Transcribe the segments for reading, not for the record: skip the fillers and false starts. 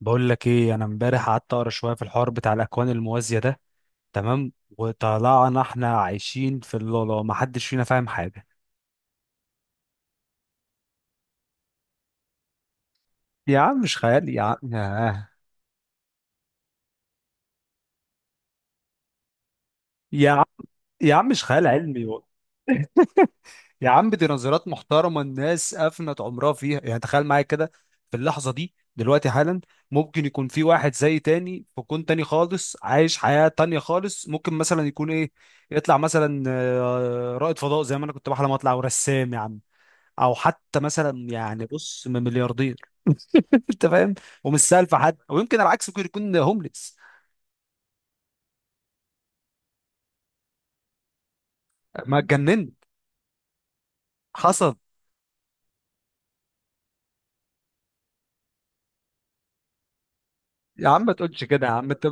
بقول لك ايه، انا امبارح قعدت اقرا شويه في الحوار بتاع الاكوان الموازيه ده. تمام. وطلعنا احنا عايشين في اللالا، ما حدش فينا فاهم حاجه. يا عم مش خيال، يا عم يا عم يا عم مش خيال علمي يا عم دي نظريات محترمه، الناس افنت عمرها فيها. يعني تخيل معايا كده، في اللحظه دي دلوقتي حالا، ممكن يكون في واحد زي تاني في كون تاني خالص، عايش حياه تانيه خالص. ممكن مثلا يكون ايه، يطلع مثلا رائد فضاء زي ما انا كنت بحلم اطلع ورسام يا عم، او حتى مثلا يعني بص من ملياردير. انت فاهم، ومش سالفه حد، او يمكن العكس ممكن يكون هومليس. ما اتجننت. حصل. يا عم ما تقولش كده يا عم، انت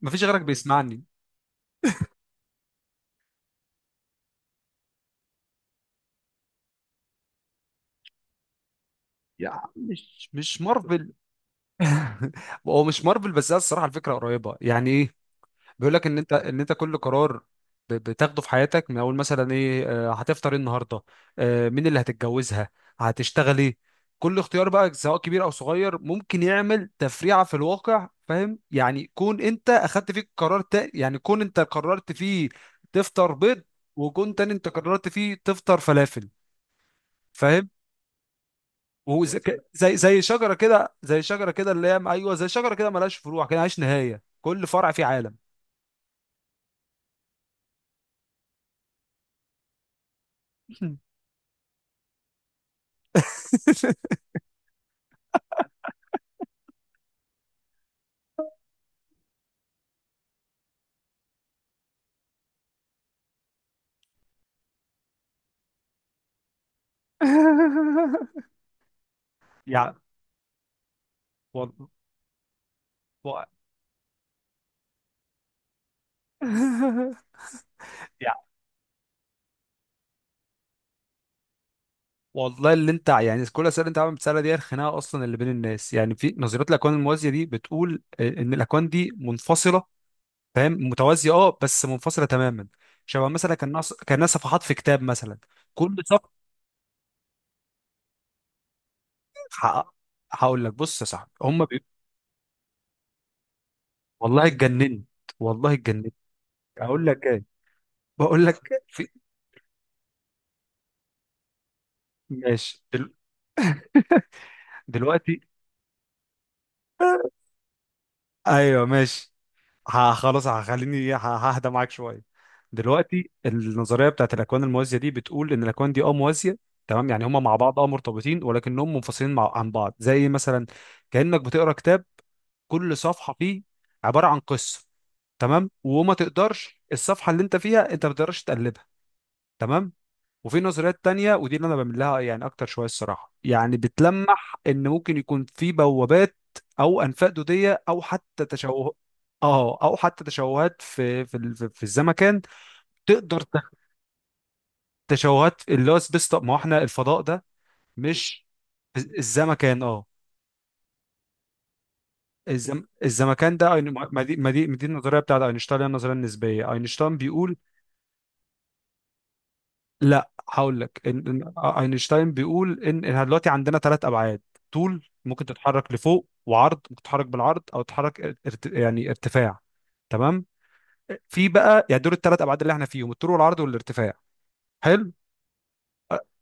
ما فيش غيرك بيسمعني. يا عم مش مارفل. هو مش مارفل، بس هي الصراحه الفكره قريبه. يعني ايه، بيقول لك ان انت كل قرار بتاخده في حياتك، من اول مثلا ايه، هتفطر ايه النهارده، مين اللي هتتجوزها، هتشتغل ايه. كل اختيار بقى، سواء كبير او صغير، ممكن يعمل تفريعه في الواقع. فاهم يعني؟ كون انت اخدت فيك قرار تاني، يعني كون انت قررت فيه تفطر بيض، وكون تاني انت قررت فيه تفطر فلافل. فاهم؟ وزي زي شجره كده، زي شجره كده اللي هي، ايوه، زي شجره كده ملهاش فروع كده، ملهاش نهايه، كل فرع فيه عالم. يعني وال- و- يعني والله اللي انت، يعني كل الاسئله اللي انت عم بتسالها دي، الخناقه اصلا اللي بين الناس. يعني في نظريه الاكوان الموازيه دي، بتقول ان الاكوان دي منفصله. فاهم؟ متوازيه، اه، بس منفصله تماما. شبه مثلا كان ناس صفحات في كتاب مثلا. كل صفحه حقق- هقول لك، بص يا صاحبي، هم والله اتجننت، والله اتجننت. اقول لك ايه، بقول لك في... ماشي دلوقتي. ايوه ماشي. خلاص، هخليني ههدى معاك شويه. دلوقتي النظريه بتاعت الاكوان الموازيه دي بتقول ان الاكوان دي، اه، موازيه. تمام؟ يعني هما مع بعض، اه، مرتبطين ولكنهم منفصلين مع عن بعض. زي مثلا كانك بتقرا كتاب، كل صفحه فيه عباره عن قصه. تمام؟ وما تقدرش الصفحه اللي انت فيها، انت ما تقدرش تقلبها. تمام. وفي نظريات تانية، ودي اللي انا بعمل لها يعني اكتر شويه الصراحه، يعني بتلمح ان ممكن يكون في بوابات او انفاق دوديه، او حتى تشوه اه او حتى تشوهات في في ال- في في الزمكان. تقدر ت- تشوهات، اللي هو سبيس تايم. ما هو احنا الفضاء ده. مش. الزمكان، اه. الزمكان ده، ما دي النظريه بتاعت اينشتاين، اللي هي النظريه النسبيه. اينشتاين بيقول، لا هقول لك إن إن آه، اينشتاين بيقول ان إحنا دلوقتي عندنا ثلاث ابعاد. طول ممكن تتحرك لفوق، وعرض ممكن تتحرك بالعرض، او تتحرك يعني ارتفاع. تمام؟ في بقى يعني دول الثلاث ابعاد اللي احنا فيهم، الطول والعرض والارتفاع. حلو.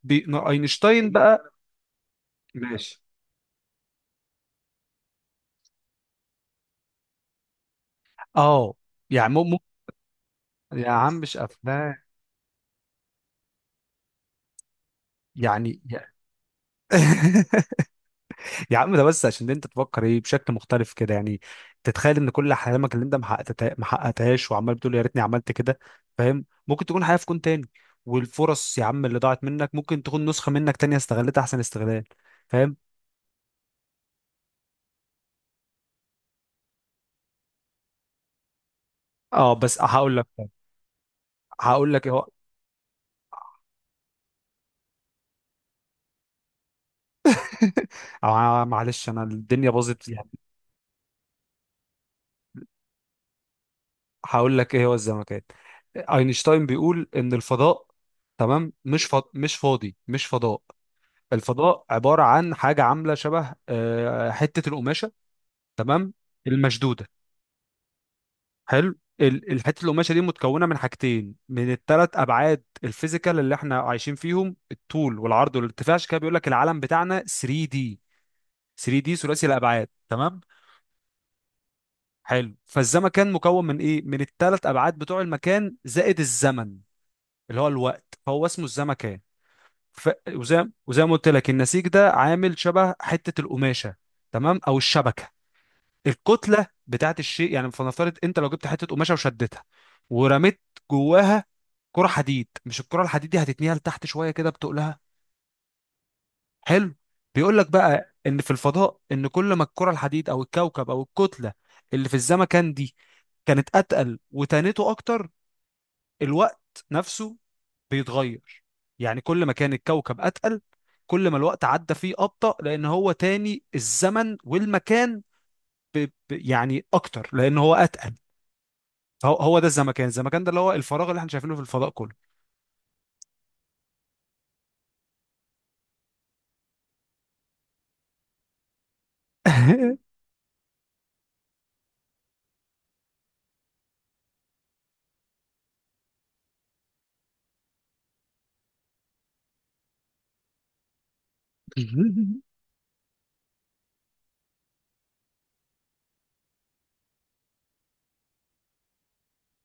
اينشتاين بقى، ماشي، اه، يعني يا عم مش افلام يعني. يا عم ده بس عشان انت تفكر ايه بشكل مختلف كده. يعني تتخيل ان كل احلامك اللي انت ما حققتهاش، وعمال بتقول يا ريتني عملت كده. فاهم؟ ممكن تكون حياة في كون تاني، والفرص يا عم اللي ضاعت منك ممكن تكون نسخة منك تانية استغلتها احسن استغلال. فاهم؟ اه بس هقول لك، هقول لك ايه هو. معلش انا الدنيا باظت يعني. هقول لك ايه هو الزمكان. اينشتاين بيقول ان الفضاء، تمام، مش مش فاضي، مش فضاء. الفضاء عبارة عن حاجة عاملة شبه حتة القماشة، تمام، المشدودة. حلو. الحتة القماشة دي متكونة من حاجتين، من الثلاث أبعاد الفيزيكال اللي احنا عايشين فيهم، الطول والعرض والارتفاع. عشان كده بيقول لك العالم بتاعنا 3 دي. 3 دي، ثلاثي الأبعاد. تمام؟ حلو. فالزمكان مكون من ايه؟ من الثلاث أبعاد بتوع المكان، زائد الزمن اللي هو الوقت. فهو اسمه الزمكان. ف... وزي وزي ما قلت لك، النسيج ده عامل شبه حتة القماشة، تمام، او الشبكة. الكتله بتاعت الشيء، يعني فلنفترض انت لو جبت حته قماشه وشدتها ورميت جواها كره حديد. مش الكره الحديد دي هتتنيها لتحت شويه كده، بتقلها. حلو. بيقول لك بقى ان في الفضاء، ان كل ما الكره الحديد او الكوكب او الكتله اللي في الزمكان دي كانت اتقل وتانته اكتر، الوقت نفسه بيتغير. يعني كل ما كان الكوكب اتقل، كل ما الوقت عدى فيه ابطأ، لان هو تاني الزمن والمكان ب... يعني اكتر، لان هو اتقل. هو هو ده الزمكان. الزمكان ده اللي هو الفراغ اللي احنا شايفينه في الفضاء كله.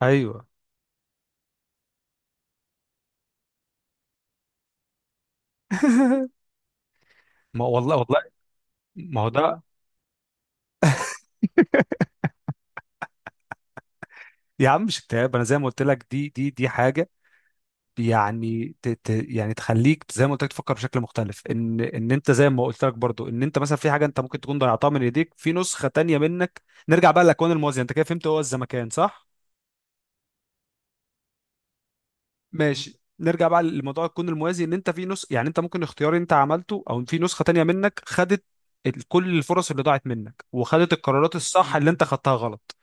ايوه. ما والله، والله ما هو ده. يا عم مش اكتئاب، انا زي ما قلت لك دي، دي حاجه يعني ت ت يعني تخليك زي ما قلت لك تفكر بشكل مختلف، ان انت زي ما قلت لك برضو، ان انت مثلا في حاجه انت ممكن تكون ضيعتها من ايديك، في نسخه تانية منك. نرجع بقى للاكوان الموازيه. انت كده فهمت هو الزمكان، صح؟ ماشي. نرجع بقى لموضوع الكون الموازي، ان انت في نسخ، يعني انت ممكن اختيار انت عملته، او في نسخة تانية منك خدت كل الفرص اللي ضاعت منك، وخدت القرارات الصح اللي انت خدتها غلط.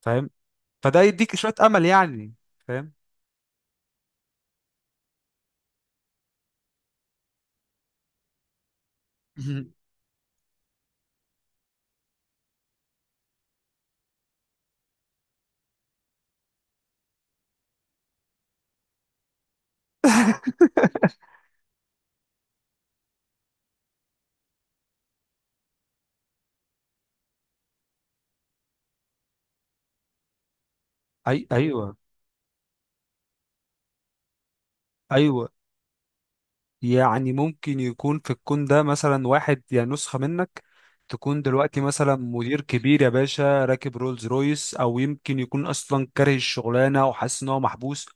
فاهم؟ فده يديك شوية امل يعني. فاهم؟ مهم. اي ايوه. ايوه، يعني ممكن يكون في الكون ده مثلا واحد يا نسخة منك، تكون دلوقتي مثلا مدير كبير يا باشا، راكب رولز رويس، او يمكن يكون اصلا كاره الشغلانه وحاسس ان هو محبوس.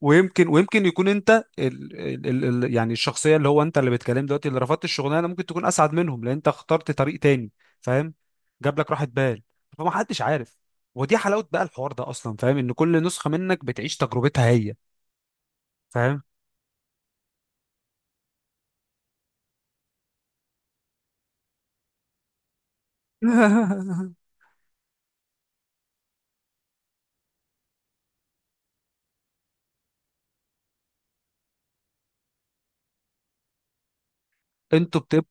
ويمكن يكون انت ال ال ال يعني الشخصيه اللي هو انت، اللي بتكلم دلوقتي، اللي رفضت الشغلانه، ممكن تكون اسعد منهم لان انت اخترت طريق تاني. فاهم؟ جاب لك راحه بال، فما حدش عارف. ودي حلاوه بقى الحوار ده اصلا، فاهم؟ ان كل نسخه منك بتعيش تجربتها هي. فاهم؟ انتوا بتبقى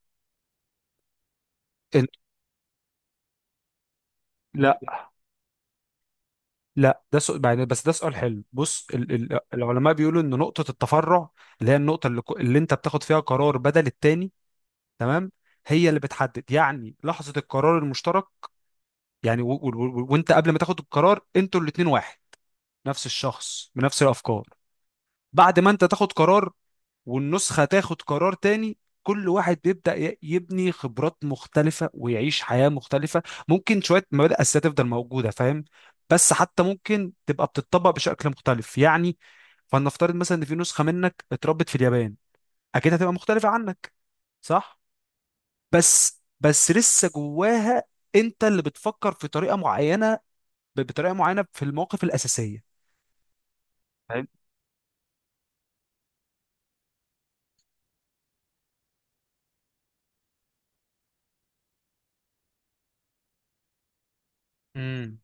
انت... لا، لا، ده سؤال يعني، بس ده سؤال حلو. بص، العلماء بيقولوا ان نقطه التفرع، اللي هي النقطه اللي انت بتاخد فيها قرار بدل التاني، تمام، هي اللي بتحدد يعني لحظه القرار المشترك. يعني وانت قبل ما تاخد القرار، انتوا الاتنين واحد، نفس الشخص بنفس الافكار. بعد ما انت تاخد قرار والنسخه تاخد قرار تاني، كل واحد بيبدا يبني خبرات مختلفه ويعيش حياه مختلفه. ممكن شويه مبادئ اساسيه تفضل موجوده، فاهم؟ بس حتى ممكن تبقى بتطبق بشكل مختلف يعني. فلنفترض مثلا ان في نسخه منك اتربت في اليابان، اكيد هتبقى مختلفه عنك، صح؟ بس لسه جواها انت اللي بتفكر في طريقه معينه، بطريقه معينه في المواقف الاساسيه. فاهم؟ امم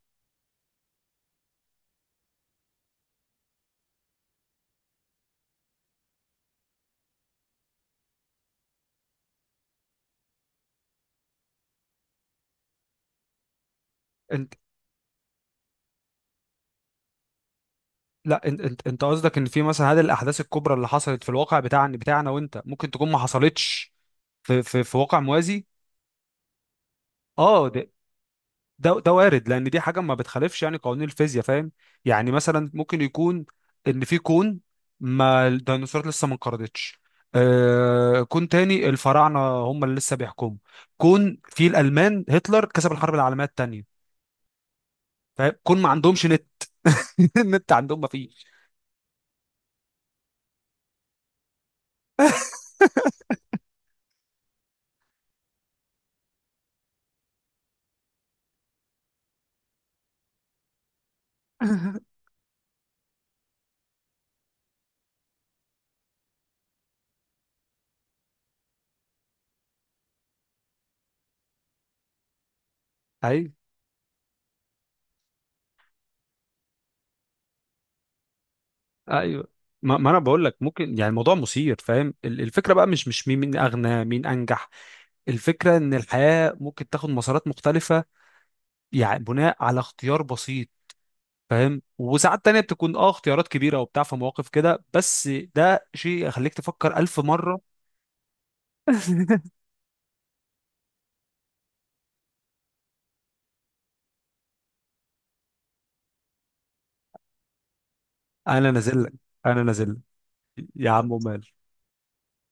انت، لا، انت انت قصدك ان في مثلا هذه الاحداث الكبرى اللي حصلت في الواقع بتاعنا، وانت ممكن تكون ما حصلتش في في واقع موازي. اه، ده، ده وارد، لان دي حاجه ما بتخالفش يعني قوانين الفيزياء. فاهم؟ يعني مثلا ممكن يكون ان في كون ما الديناصورات لسه ما انقرضتش، كون تاني الفراعنه هم اللي لسه بيحكموا، كون في الالمان هتلر كسب الحرب العالميه الثانيه. فاهم؟ كون ما عندهمش النت، عندهم ما فيش. ايوه. ايوه ما انا بقول لك، ممكن يعني الموضوع مثير. فاهم؟ الفكره بقى مش مين مين اغنى، مين انجح. الفكره ان الحياه ممكن تاخد مسارات مختلفه، يعني بناء على اختيار بسيط. فاهم؟ وساعات تانية بتكون، اه، اختيارات كبيره وبتاع في مواقف كده، بس ده شيء يخليك تفكر الف مره. انا نازل لك، انا نازل لك. يا عم مال